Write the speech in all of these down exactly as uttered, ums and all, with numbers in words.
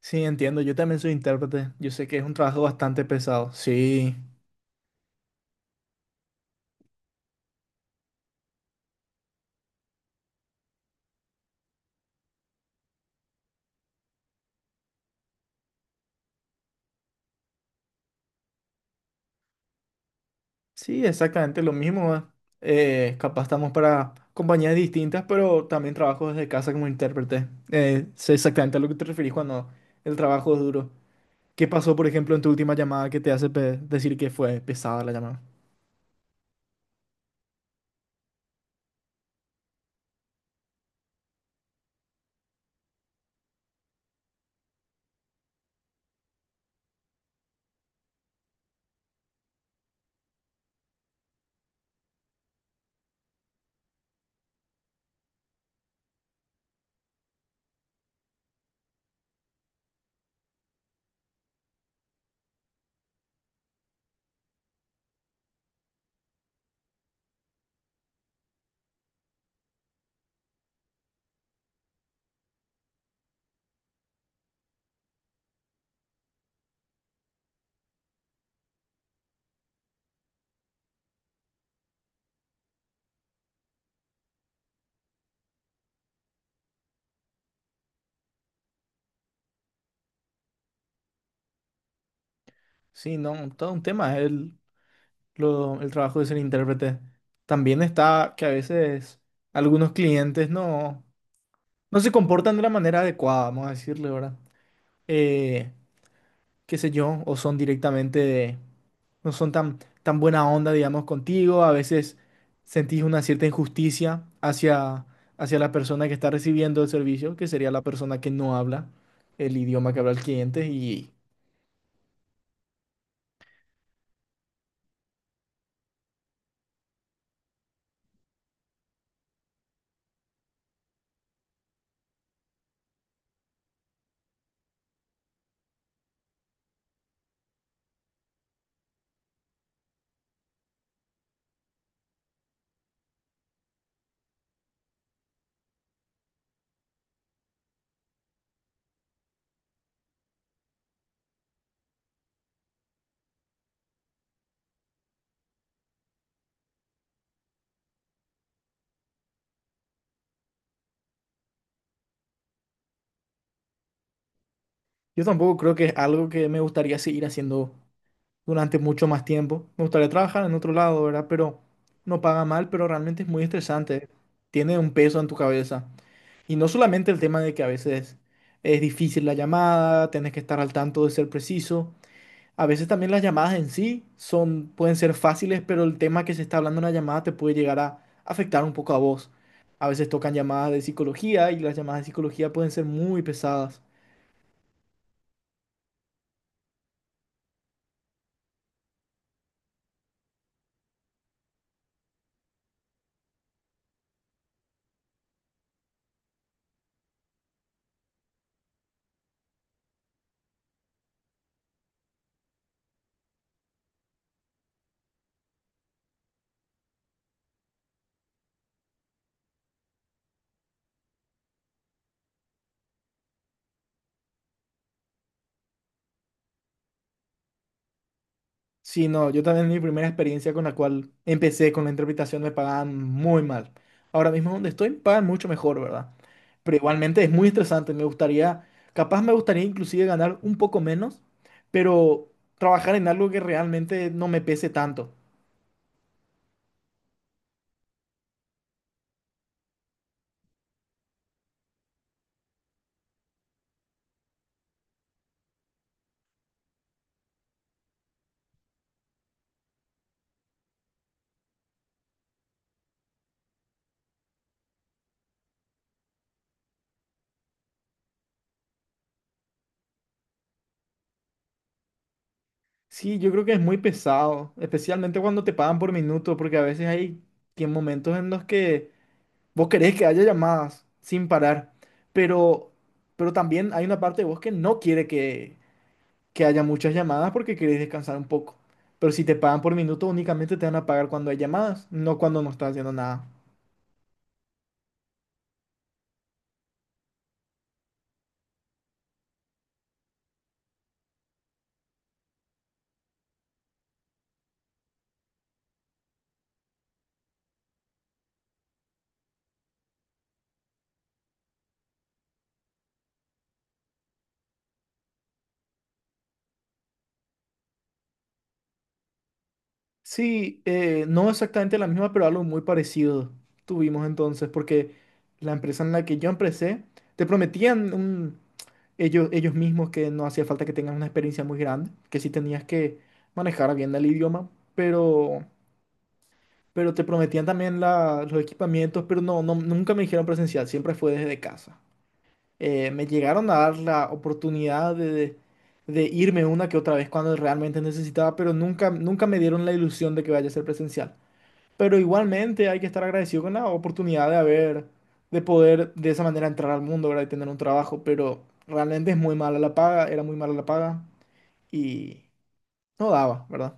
Sí, entiendo, yo también soy intérprete, yo sé que es un trabajo bastante pesado. Sí, sí, exactamente lo mismo. ¿Eh? Eh, capaz estamos para compañías distintas, pero también trabajo desde casa como intérprete. Eh, sé exactamente a lo que te referís cuando el trabajo es duro. ¿Qué pasó, por ejemplo, en tu última llamada que te hace pe- decir que fue pesada la llamada? Sí, no, todo un tema, es el, lo- el trabajo de ser intérprete. También está que a veces algunos clientes no, no se comportan de la manera adecuada, vamos a decirle, ¿verdad? eh, qué sé yo, o son directamente de, no son tan, tan buena onda, digamos, contigo, a veces sentís una cierta injusticia hacia, hacia la persona que está recibiendo el servicio, que sería la persona que no habla el idioma que habla el cliente, y yo tampoco creo que es algo que me gustaría seguir haciendo durante mucho más tiempo. Me gustaría trabajar en otro lado, ¿verdad? Pero no paga mal, pero realmente es muy estresante, tiene un peso en tu cabeza. Y no solamente el tema de que a veces es difícil la llamada, tienes que estar al tanto de ser preciso. A veces también las llamadas en sí son, pueden ser fáciles, pero el tema que se está hablando en la llamada te puede llegar a afectar un poco a vos. A veces tocan llamadas de psicología y las llamadas de psicología pueden ser muy pesadas. Sí, no, yo también mi primera experiencia con la cual empecé con la interpretación me pagaban muy mal. Ahora mismo donde estoy pagan mucho mejor, ¿verdad? Pero igualmente es muy estresante, me gustaría, capaz me gustaría inclusive ganar un poco menos, pero trabajar en algo que realmente no me pese tanto. Sí, yo creo que es muy pesado, especialmente cuando te pagan por minuto, porque a veces hay que momentos en los que vos querés que haya llamadas sin parar, pero, pero también hay una parte de vos que no quiere que que haya muchas llamadas porque querés descansar un poco. Pero si te pagan por minuto, únicamente te van a pagar cuando hay llamadas, no cuando no estás haciendo nada. Sí, eh, no exactamente la misma, pero algo muy parecido tuvimos entonces, porque la empresa en la que yo empecé, te prometían un- ellos, ellos mismos que no hacía falta que tengas una experiencia muy grande, que sí tenías que manejar bien el idioma, pero, pero te prometían también la- los equipamientos, pero no, no, nunca me dijeron presencial, siempre fue desde casa. eh, me llegaron a dar la oportunidad de, de irme una que otra vez cuando realmente necesitaba, pero nunca, nunca me dieron la ilusión de que vaya a ser presencial. Pero igualmente hay que estar agradecido con la oportunidad de haber, de poder de esa manera entrar al mundo, ¿verdad? Y tener un trabajo, pero realmente es muy mala la paga, era muy mala la paga y no daba, ¿verdad?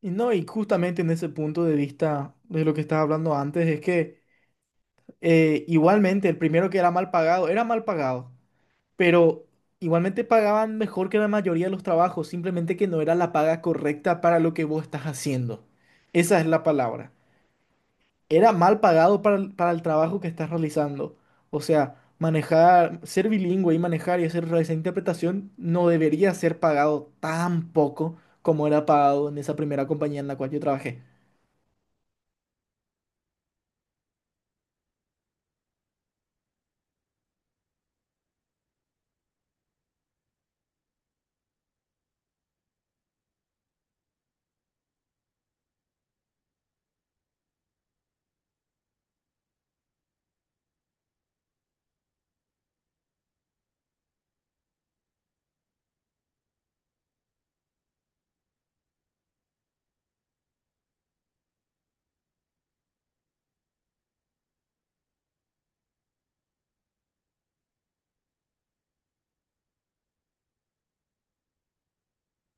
Y no, y justamente en ese punto de vista de lo que estaba hablando antes, es que eh, igualmente el primero que era mal pagado, era mal pagado pero igualmente pagaban mejor que la mayoría de los trabajos, simplemente que no era la paga correcta para lo que vos estás haciendo. Esa es la palabra. Era mal pagado para, el- para el trabajo que estás realizando. O sea, manejar, ser bilingüe y manejar y hacer esa interpretación no debería ser pagado tan poco como era pagado en esa primera compañía en la cual yo trabajé.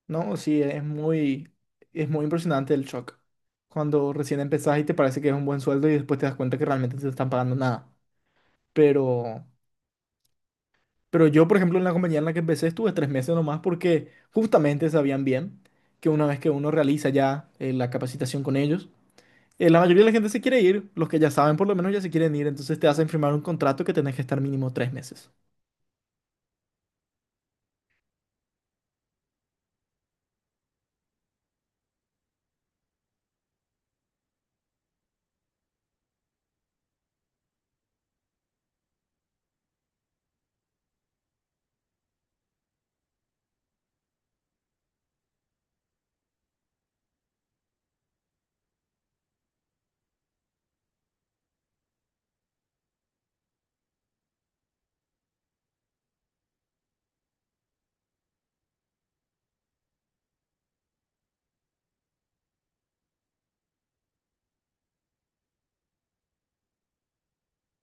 No, sí, es muy, es muy impresionante el shock. Cuando recién empezás y te parece que es un buen sueldo y después te das cuenta que realmente te están pagando nada. Pero, pero yo, por ejemplo, en la compañía en la que empecé estuve tres meses nomás porque justamente sabían bien que una vez que uno realiza ya eh, la capacitación con ellos, eh, la mayoría de la gente se quiere ir, los que ya saben por lo menos ya se quieren ir, entonces te hacen firmar un contrato que tenés que estar mínimo tres meses.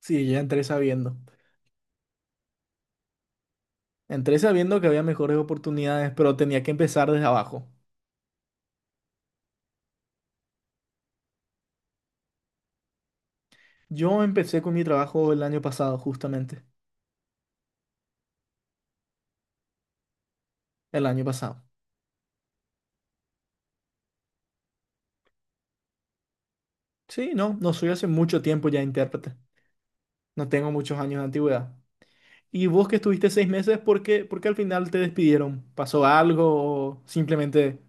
Sí, ya entré sabiendo. Entré sabiendo que había mejores oportunidades, pero tenía que empezar desde abajo. Yo empecé con mi trabajo el año pasado, justamente, el año pasado. Sí, no, no soy hace mucho tiempo ya intérprete, no tengo muchos años de antigüedad. ¿Y vos que estuviste seis meses, por qué, por qué al final te despidieron? ¿Pasó algo o simplemente...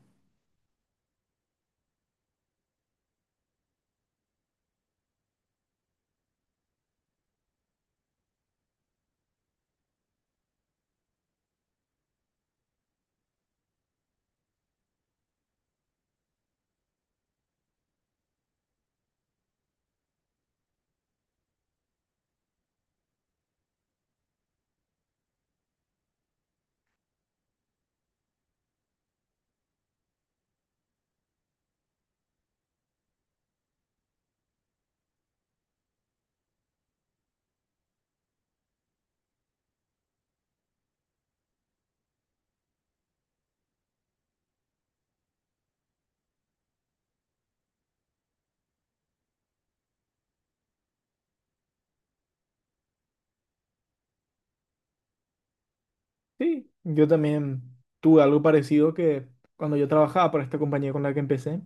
Sí, yo también tuve algo parecido que cuando yo trabajaba para esta compañía con la que empecé,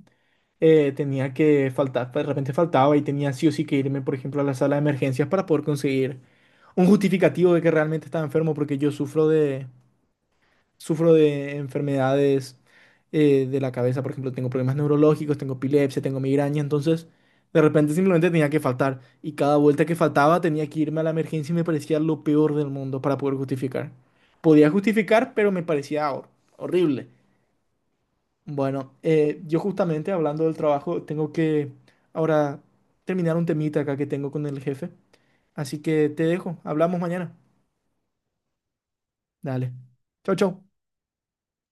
eh, tenía que faltar, de repente faltaba y tenía sí o sí que irme, por ejemplo, a la sala de emergencias para poder conseguir un justificativo de que realmente estaba enfermo porque yo sufro de, sufro de enfermedades eh, de la cabeza, por ejemplo, tengo problemas neurológicos, tengo epilepsia, tengo migraña, entonces de repente simplemente tenía que faltar y cada vuelta que faltaba tenía que irme a la emergencia y me parecía lo peor del mundo para poder justificar. Podía justificar, pero me parecía hor- horrible. Bueno, eh, yo justamente hablando del trabajo, tengo que ahora terminar un temita acá que tengo con el jefe, así que te dejo, hablamos mañana. Dale. Chau, chau.